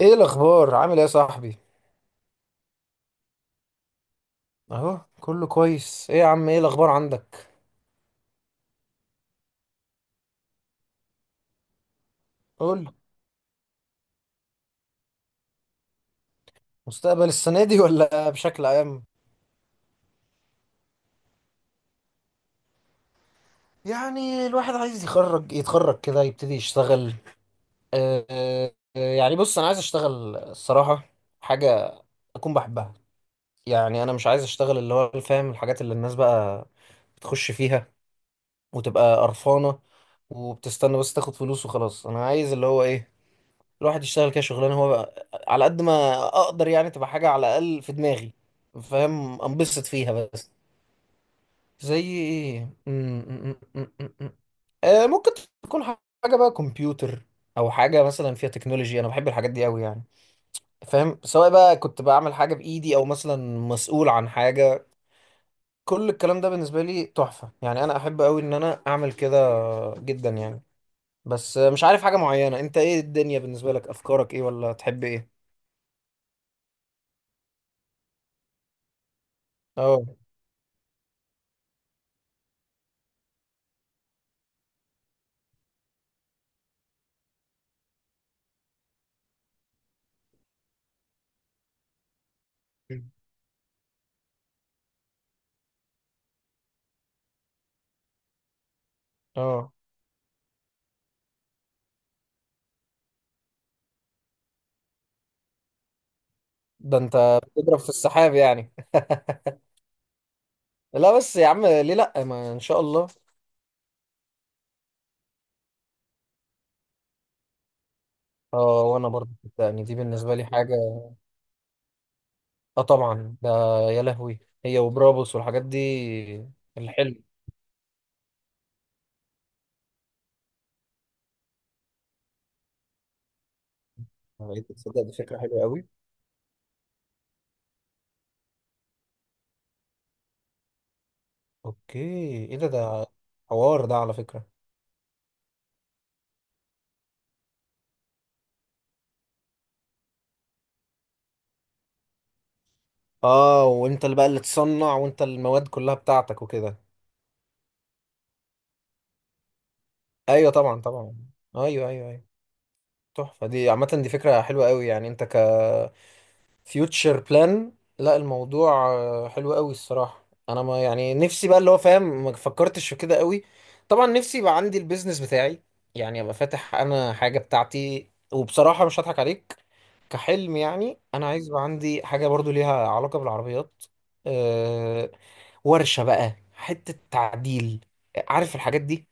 ايه الاخبار عامل ايه يا صاحبي؟ اهو كله كويس، ايه يا عم ايه الاخبار عندك؟ قول. مستقبل السنه دي ولا بشكل عام؟ يعني الواحد عايز يخرج يتخرج كده يبتدي يشتغل. يعني بص انا عايز اشتغل الصراحه حاجه اكون بحبها. يعني انا مش عايز اشتغل اللي هو فاهم، الحاجات اللي الناس بقى بتخش فيها وتبقى قرفانه وبتستنى بس تاخد فلوس وخلاص. انا عايز اللي هو ايه، الواحد يشتغل كده شغلانه هو بقى على قد ما اقدر، يعني تبقى حاجه على الاقل في دماغي فاهم، انبسط فيها بس. زي ايه؟ م- م- م- م- م- م. ممكن تكون حاجه بقى كمبيوتر او حاجه مثلا فيها تكنولوجي. انا بحب الحاجات دي قوي يعني، فاهم، سواء بقى كنت بعمل حاجه بايدي او مثلا مسؤول عن حاجه. كل الكلام ده بالنسبه لي تحفه، يعني انا احب قوي ان انا اعمل كده جدا يعني. بس مش عارف حاجه معينه. انت ايه الدنيا بالنسبه لك؟ افكارك ايه ولا تحب ايه؟ اه، اه. ده انت بتضرب في السحاب يعني. لا بس يا عم ليه لا، ما ان شاء الله. اه وانا برضه، يعني دي بالنسبه لي حاجه. اه طبعا ده، يا لهوي هي وبرابوس والحاجات دي، الحلم. انت تصدق دي فكرة حلوة قوي. اوكي. ايه ده، حوار ده على فكره. اه، وانت اللي بقى اللي تصنع وانت المواد كلها بتاعتك وكده. ايوه طبعا، طبعا. ايوه، ايوه، ايوه. تحفه دي، عامه دي فكره حلوه قوي يعني، انت فيوتشر بلان. لا الموضوع حلو قوي الصراحة. انا ما يعني نفسي بقى، اللي هو فاهم، ما فكرتش في كده قوي. طبعا نفسي يبقى عندي البيزنس بتاعي، يعني ابقى فاتح انا حاجة بتاعتي. وبصراحة مش هضحك عليك، كحلم يعني انا عايز يبقى عندي حاجة برضو ليها علاقة بالعربيات. أه، ورشة بقى، حتة تعديل، عارف الحاجات دي.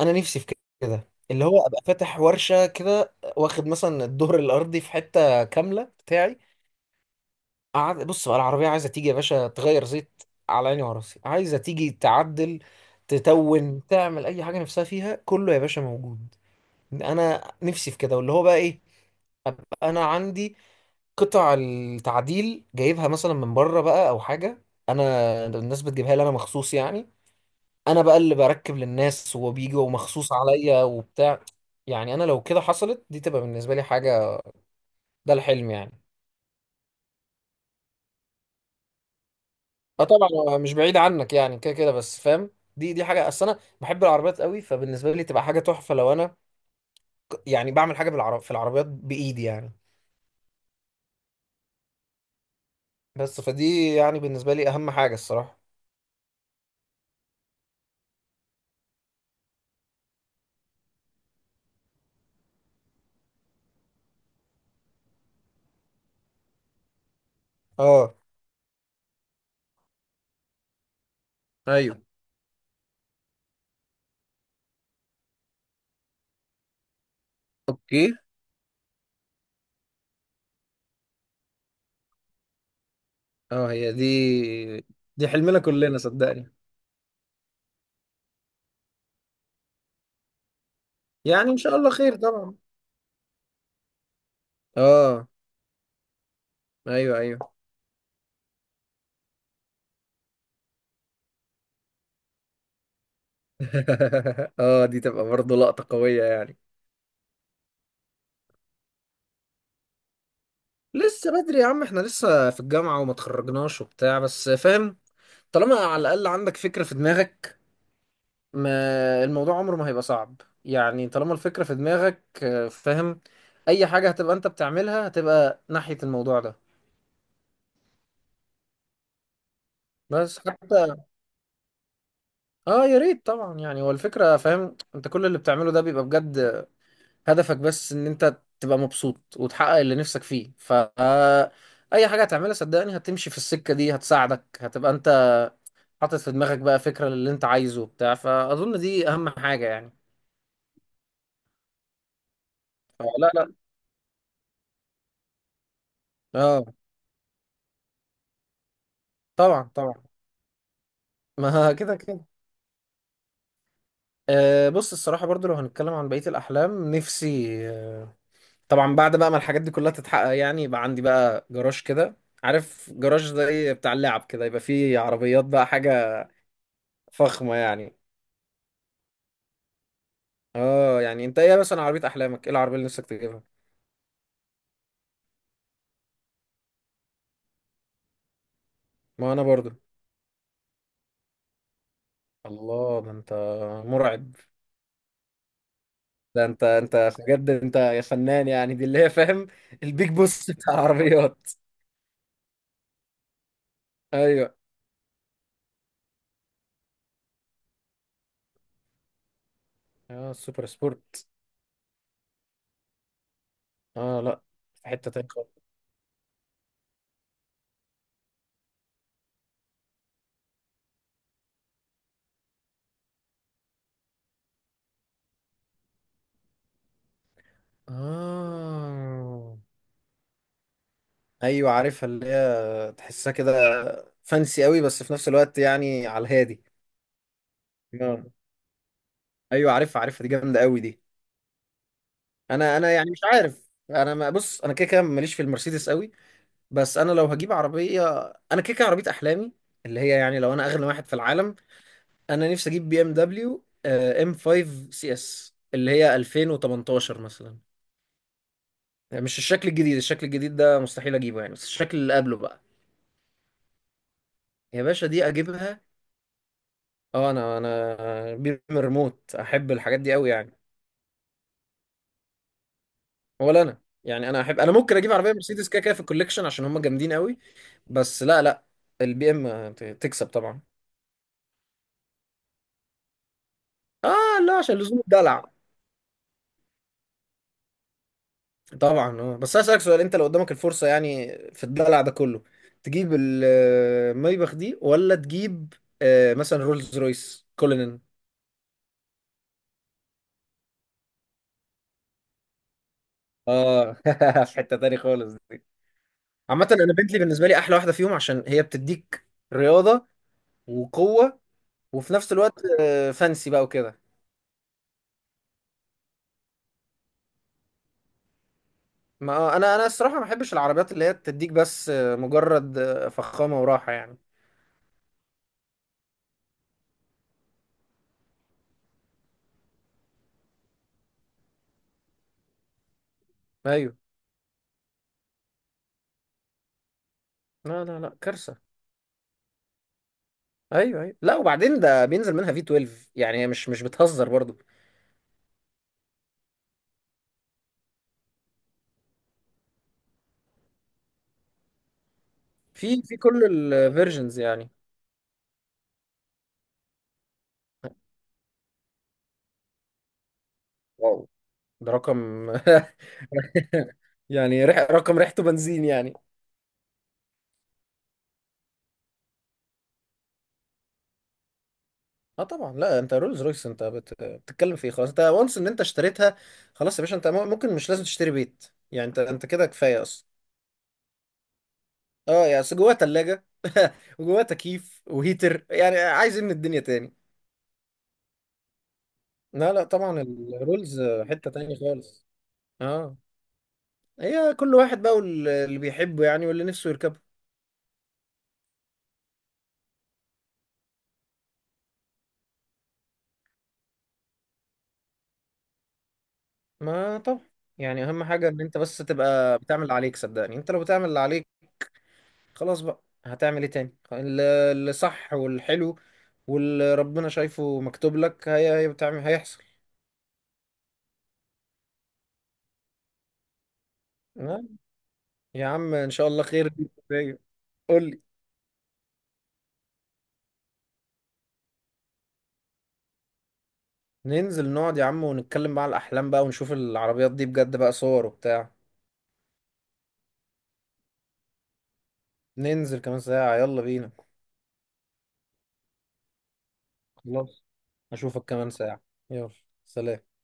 انا نفسي في كده، اللي هو ابقى فاتح ورشة كده واخد مثلا الدور الارضي في حتة كاملة بتاعي. قعد بص بقى، العربية عايزة تيجي يا باشا تغير زيت، على عيني وراسي. عايزة تيجي تعدل، تتون تعمل أي حاجة نفسها فيها، كله يا باشا موجود. أنا نفسي في كده، واللي هو بقى إيه، أبقى أنا عندي قطع التعديل جايبها مثلا من بره بقى أو حاجة. أنا الناس بتجيبها لي أنا مخصوص يعني. أنا بقى اللي بركب للناس وبيجوا مخصوص عليا وبتاع. يعني أنا لو كده حصلت دي تبقى بالنسبة لي حاجة، ده الحلم يعني. اه طبعا، هو مش بعيد عنك يعني كده كده بس فاهم. دي حاجه، اصل انا بحب العربيات قوي، فبالنسبه لي تبقى حاجه تحفه لو انا يعني بعمل حاجه بالعرب في العربيات بايدي يعني. بس فدي يعني بالنسبه لي اهم حاجه الصراحه. اه. ايوه. اوكي. اه، هي دي، دي حلمنا كلنا صدقني. يعني ان شاء الله خير طبعا. اه. ايوه، ايوه. اه دي تبقى برضه لقطة قوية يعني. لسه بدري يا عم، احنا لسه في الجامعة وما تخرجناش وبتاع بس فاهم. طالما على الاقل عندك فكرة في دماغك، ما الموضوع عمره ما هيبقى صعب يعني. طالما الفكرة في دماغك، فاهم، أي حاجة هتبقى أنت بتعملها هتبقى ناحية الموضوع ده. بس حتى، اه يا ريت طبعا يعني. هو الفكرة، فاهم، انت كل اللي بتعمله ده بيبقى بجد هدفك بس ان انت تبقى مبسوط وتحقق اللي نفسك فيه. ف آه، اي حاجة هتعملها صدقني هتمشي في السكة دي، هتساعدك هتبقى انت حاطط في دماغك بقى فكرة للي انت عايزه بتاع فأظن دي أهم حاجة يعني. لا، لا. اه طبعا، طبعا. ما كده كده. أه بص الصراحة برضو لو هنتكلم عن بقية الأحلام، نفسي طبعا بعد بقى ما الحاجات دي كلها تتحقق، يعني يبقى عندي بقى جراج كده. عارف جراج زي بتاع اللعب كده يبقى فيه عربيات بقى حاجة فخمة يعني. اه يعني انت ايه مثلا عربية أحلامك؟ ايه العربية اللي نفسك تجيبها؟ ما انا برضو. الله، ده انت مرعب. ده انت، انت بجد انت يا فنان يعني دي اللي هي فاهم، البيج بوس بتاع العربيات. ايوه. اه السوبر سبورت. اه لا في حتة تانية خالص. اه ايوه عارفها، اللي هي تحسها كده فانسي قوي بس في نفس الوقت يعني على الهادي. آه. ايوه عارفها، عارفها، دي جامده قوي دي. انا يعني مش عارف. انا ما، بص انا كده كده ماليش في المرسيدس قوي. بس انا لو هجيب عربيه، انا كده كده عربيه احلامي اللي هي يعني، لو انا اغنى واحد في العالم، انا نفسي اجيب بي ام دبليو ام 5 سي اس اللي هي 2018 مثلا. يعني مش الشكل الجديد، الشكل الجديد ده مستحيل اجيبه يعني، بس الشكل اللي قبله بقى يا باشا دي اجيبها. اه انا بير من الريموت، احب الحاجات دي قوي يعني. ولا انا يعني، انا احب، انا ممكن اجيب عربيه مرسيدس كده كده في الكوليكشن عشان هم جامدين قوي. بس لا، لا. البي ام تكسب طبعا. اه لا عشان لزوم الدلع. طبعا. اه بس هسألك سؤال، انت لو قدامك الفرصه يعني في الدلع ده كله، تجيب المايباخ دي ولا تجيب آه مثلا رولز رويس كولينن؟ اه في حته تاني خالص دي. عامه انا بنتلي بالنسبه لي احلى واحده فيهم، عشان هي بتديك رياضه وقوه وفي نفس الوقت فانسي بقى وكده. ما انا الصراحه ما بحبش العربيات اللي هي تديك بس مجرد فخامه وراحه يعني. ايوه. لا لا لا كارثه. ايوه ايوه، لا وبعدين ده بينزل منها في 12، يعني هي مش مش بتهزر برضو. في كل الفيرجنز يعني. واو، ده رقم يعني، رح... رقم ريحته بنزين يعني. اه طبعا. لا انت رولز رويس انت بت... بتتكلم في ايه، خلاص انت وانس ان انت اشتريتها. خلاص يا باشا، انت ممكن مش لازم تشتري بيت يعني، انت انت كده كفايه اصلا. اه يعني أصل جواها تلاجة وجواها تكييف وهيتر، يعني عايز من الدنيا تاني؟ لا لا طبعا، الرولز حتة تانية خالص. اه، هي كل واحد بقى واللي بيحبه يعني واللي نفسه يركبه. ما طبعا. يعني اهم حاجة ان انت بس تبقى بتعمل اللي عليك، صدقني انت لو بتعمل اللي عليك خلاص، بقى هتعمل ايه تاني، اللي صح والحلو واللي ربنا شايفه مكتوب لك، هي هي بتعمل، هيحصل. آه. يا عم ان شاء الله خير. قول لي. ننزل نقعد يا عم ونتكلم بقى على الأحلام بقى ونشوف العربيات دي بجد بقى صور وبتاع. ننزل كمان ساعة، يلا بينا. خلاص، أشوفك كمان ساعة. يلا. سلام.